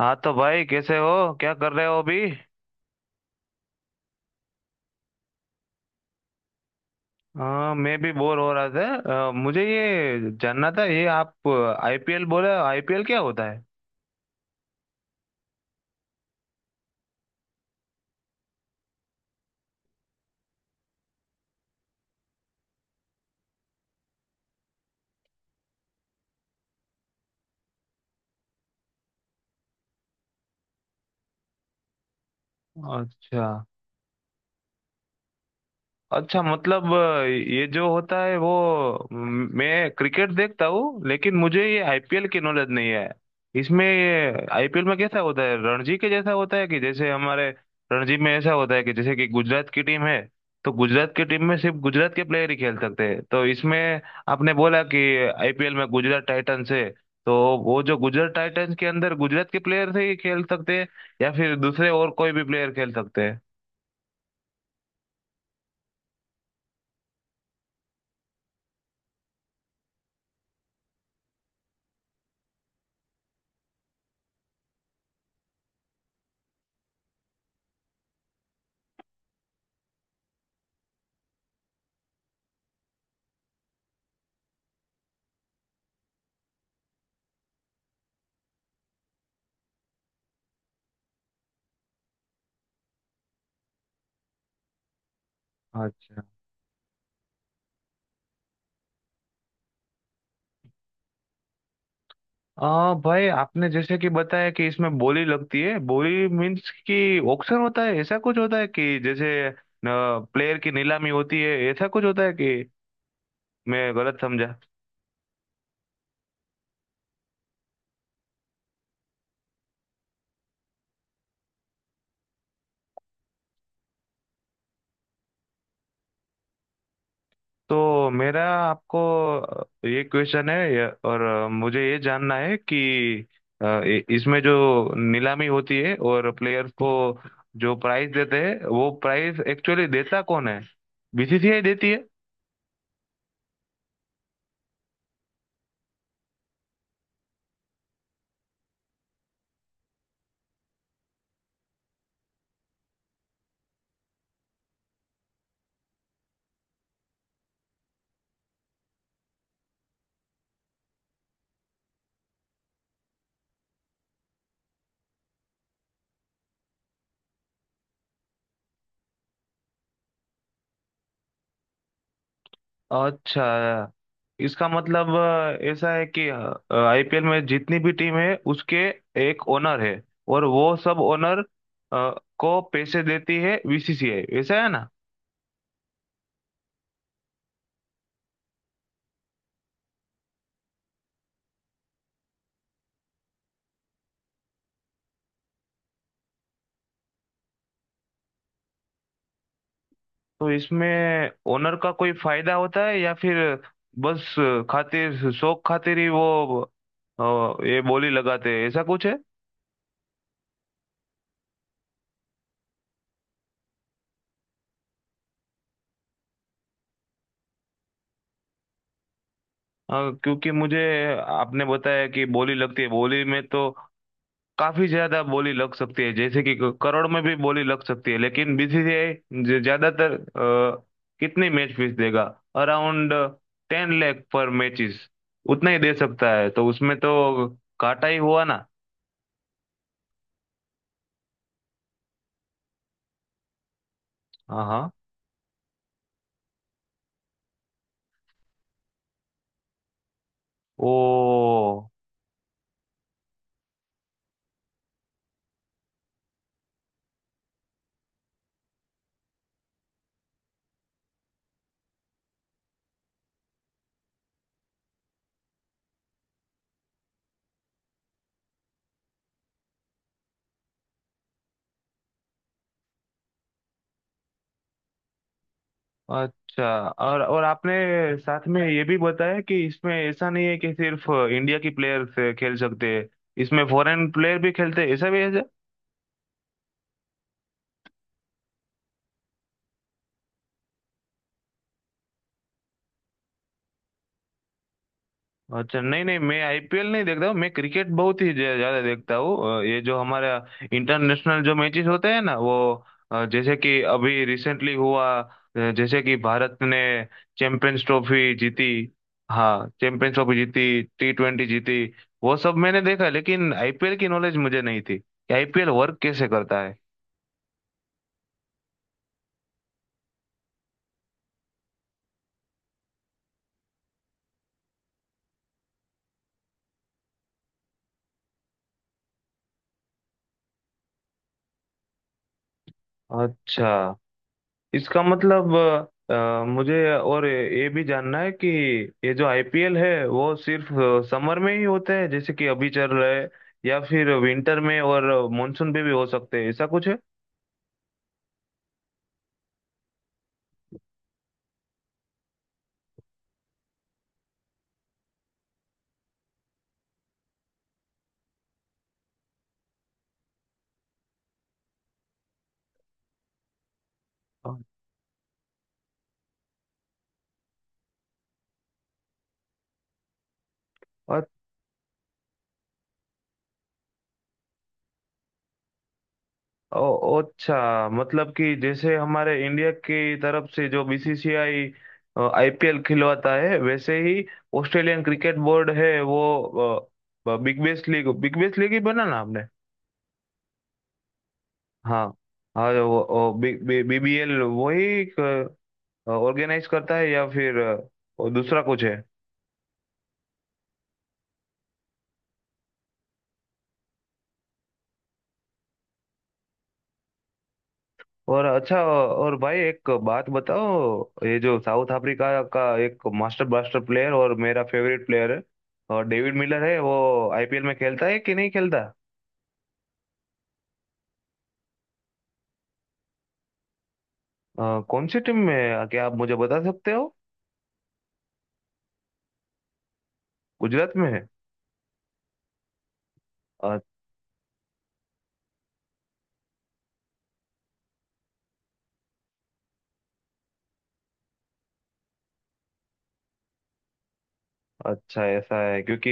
हाँ, तो भाई, कैसे हो? क्या कर रहे हो अभी? हाँ, मैं भी बोर हो रहा था। मुझे ये जानना था, ये आप आईपीएल बोले? आईपीएल क्या होता है? अच्छा। अच्छा, मतलब ये जो होता है वो मैं क्रिकेट देखता हूँ, लेकिन मुझे ये आईपीएल की नॉलेज नहीं है। इसमें ये आईपीएल में कैसा होता है? रणजी के जैसा होता है? कि जैसे हमारे रणजी में ऐसा होता है कि जैसे कि गुजरात की टीम है, तो गुजरात की टीम में सिर्फ गुजरात के प्लेयर ही खेल सकते हैं। तो इसमें आपने बोला कि आईपीएल में गुजरात टाइटंस है, तो वो जो गुजरात टाइटंस के अंदर गुजरात के प्लेयर से ही खेल सकते हैं, या फिर दूसरे और कोई भी प्लेयर खेल सकते हैं? अच्छा। भाई, आपने जैसे कि बताया कि इसमें बोली लगती है। बोली मीन्स कि ऑक्शन होता है? ऐसा कुछ होता है कि जैसे प्लेयर की नीलामी होती है? ऐसा कुछ होता है कि मैं गलत समझा? तो मेरा आपको ये क्वेश्चन है और मुझे ये जानना है कि इसमें जो नीलामी होती है और प्लेयर को जो प्राइस देते हैं, वो प्राइस एक्चुअली देता कौन है? बीसीसीआई देती है? अच्छा। इसका मतलब ऐसा है कि आईपीएल में जितनी भी टीम है उसके एक ओनर है, और वो सब ओनर को पैसे देती है बीसीसीआई, ऐसा है ना? तो इसमें ओनर का कोई फायदा होता है या फिर बस खातिर, शौक खातिर ही वो अ, ये बोली लगाते हैं, ऐसा कुछ है? क्योंकि मुझे आपने बताया कि बोली लगती है। बोली में तो काफी ज्यादा बोली लग सकती है, जैसे कि करोड़ में भी बोली लग सकती है। लेकिन बीसीसीआई ज्यादातर कितनी मैच फीस देगा? अराउंड 10 लाख पर मैचेस उतना ही दे सकता है, तो उसमें तो घाटा ही हुआ ना? हाँ हाँ। ओ, अच्छा। और आपने साथ में ये भी बताया कि इसमें ऐसा नहीं है कि सिर्फ इंडिया की प्लेयर खेल सकते हैं, इसमें फॉरेन प्लेयर भी खेलते हैं, ऐसा भी? अच्छा, नहीं नहीं, मैं आईपीएल नहीं देखता हूँ। मैं क्रिकेट बहुत ही ज्यादा देखता हूँ। ये जो हमारा इंटरनेशनल जो मैचेस होते हैं ना वो जैसे कि अभी रिसेंटली हुआ। जैसे कि भारत ने चैंपियंस ट्रॉफी जीती। हाँ, चैंपियंस ट्रॉफी जीती, T20 जीती। वो सब मैंने देखा, लेकिन आईपीएल की नॉलेज मुझे नहीं थी कि आईपीएल वर्क कैसे करता है। अच्छा। इसका मतलब मुझे और ये भी जानना है कि ये जो आईपीएल है वो सिर्फ समर में ही होते हैं, जैसे कि अभी चल रहा है, या फिर विंटर में और मानसून में भी हो सकते हैं, ऐसा कुछ है? और अच्छा, मतलब कि जैसे हमारे इंडिया की तरफ से जो बीसीसीआई आईपीएल खिलवाता है, वैसे ही ऑस्ट्रेलियन क्रिकेट बोर्ड है वो बिग बैश लीग ही बना ना? हाँ। और वो बीबीएल वही ऑर्गेनाइज करता है, या फिर और दूसरा कुछ है? और अच्छा, और भाई एक बात बताओ, ये जो साउथ अफ्रीका का एक मास्टर ब्लास्टर प्लेयर और मेरा फेवरेट प्लेयर है, और डेविड मिलर है, वो आईपीएल में खेलता है कि नहीं खेलता? कौन सी टीम में है? क्या आप मुझे बता सकते हो? गुजरात में है? अच्छा, ऐसा है क्योंकि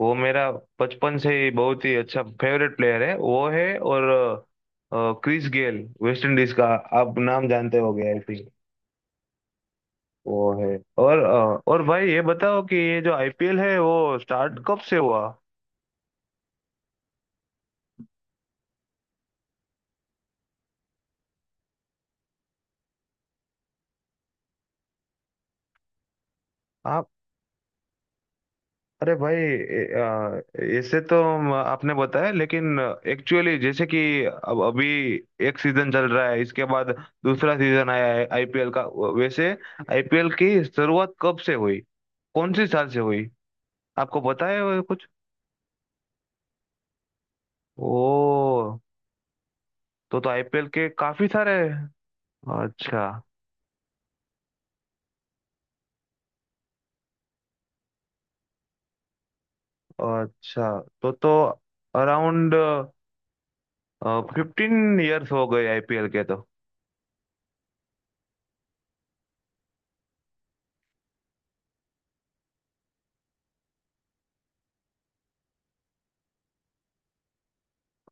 वो मेरा बचपन से ही बहुत ही अच्छा फेवरेट प्लेयर है, वो है। और क्रिस गेल, वेस्ट इंडीज का, आप नाम जानते होंगे आई थिंक। वो है। और भाई ये बताओ कि ये जो आईपीएल है वो स्टार्ट कब से हुआ? अरे भाई, ऐसे तो आपने बताया, लेकिन एक्चुअली जैसे कि अब अभी एक सीजन चल रहा है, इसके बाद दूसरा सीजन आया है आईपीएल का। वैसे आईपीएल की शुरुआत कब से हुई? कौन सी साल से हुई? आपको पता है वो कुछ? ओ, तो आईपीएल के काफी सारे अच्छा। अच्छा, तो अराउंड 15 इयर्स हो गए आईपीएल के तो।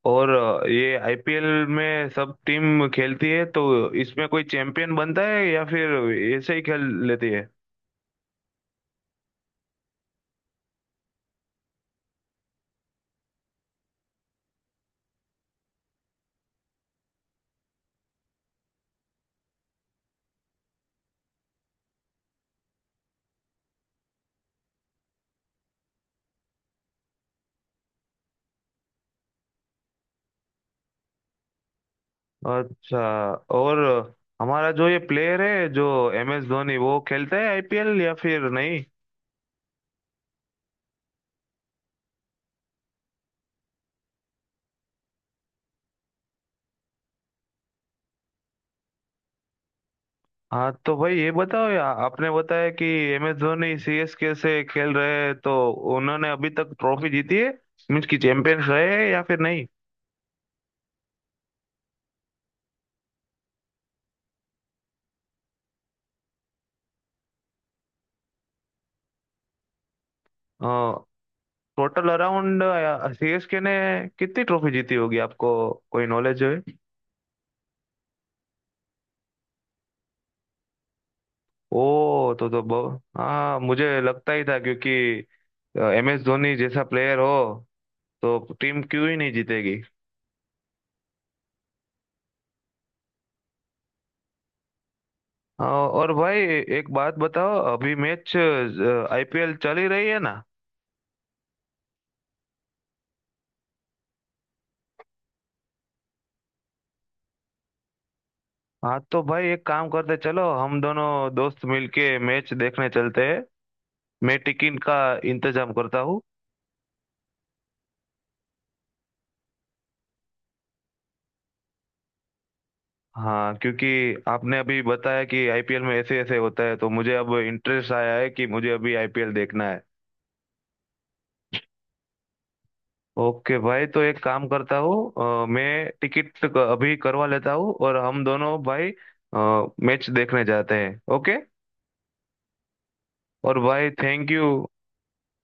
और ये आईपीएल में सब टीम खेलती है, तो इसमें कोई चैंपियन बनता है या फिर ऐसे ही खेल लेती है? अच्छा। और हमारा जो ये प्लेयर है जो एम एस धोनी, वो खेलता है आईपीएल या फिर नहीं? हाँ, तो भाई ये बताओ, या आपने बताया कि एम एस धोनी सीएसके से खेल रहे हैं, तो उन्होंने अभी तक ट्रॉफी जीती है, मीन्स की चैंपियंस रहे हैं या फिर नहीं? टोटल अराउंड सीएसके ने कितनी ट्रॉफी जीती होगी, आपको कोई नॉलेज है? ओ, तो बहु। हाँ, मुझे लगता ही था क्योंकि एम एस धोनी जैसा प्लेयर हो, तो टीम क्यों ही नहीं जीतेगी। हाँ, और भाई, एक बात बताओ, अभी मैच आईपीएल चल ही रही है ना? हाँ, तो भाई एक काम करते, चलो हम दोनों दोस्त मिलके मैच देखने चलते हैं। मैं टिकट का इंतजाम करता हूँ। हाँ, क्योंकि आपने अभी बताया कि आईपीएल में ऐसे ऐसे होता है, तो मुझे अब इंटरेस्ट आया है कि मुझे अभी आईपीएल देखना है। ओके भाई, तो एक काम करता हूँ, मैं टिकट अभी करवा लेता हूँ और हम दोनों भाई मैच देखने जाते हैं। ओके। और भाई, थैंक यू।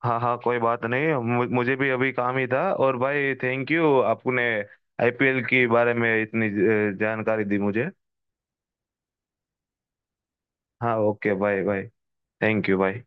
हाँ हाँ, कोई बात नहीं। मुझे भी अभी काम ही था। और भाई, थैंक यू आपने आईपीएल के बारे में इतनी जानकारी दी मुझे। हाँ, ओके भाई। भाई, थैंक यू भाई।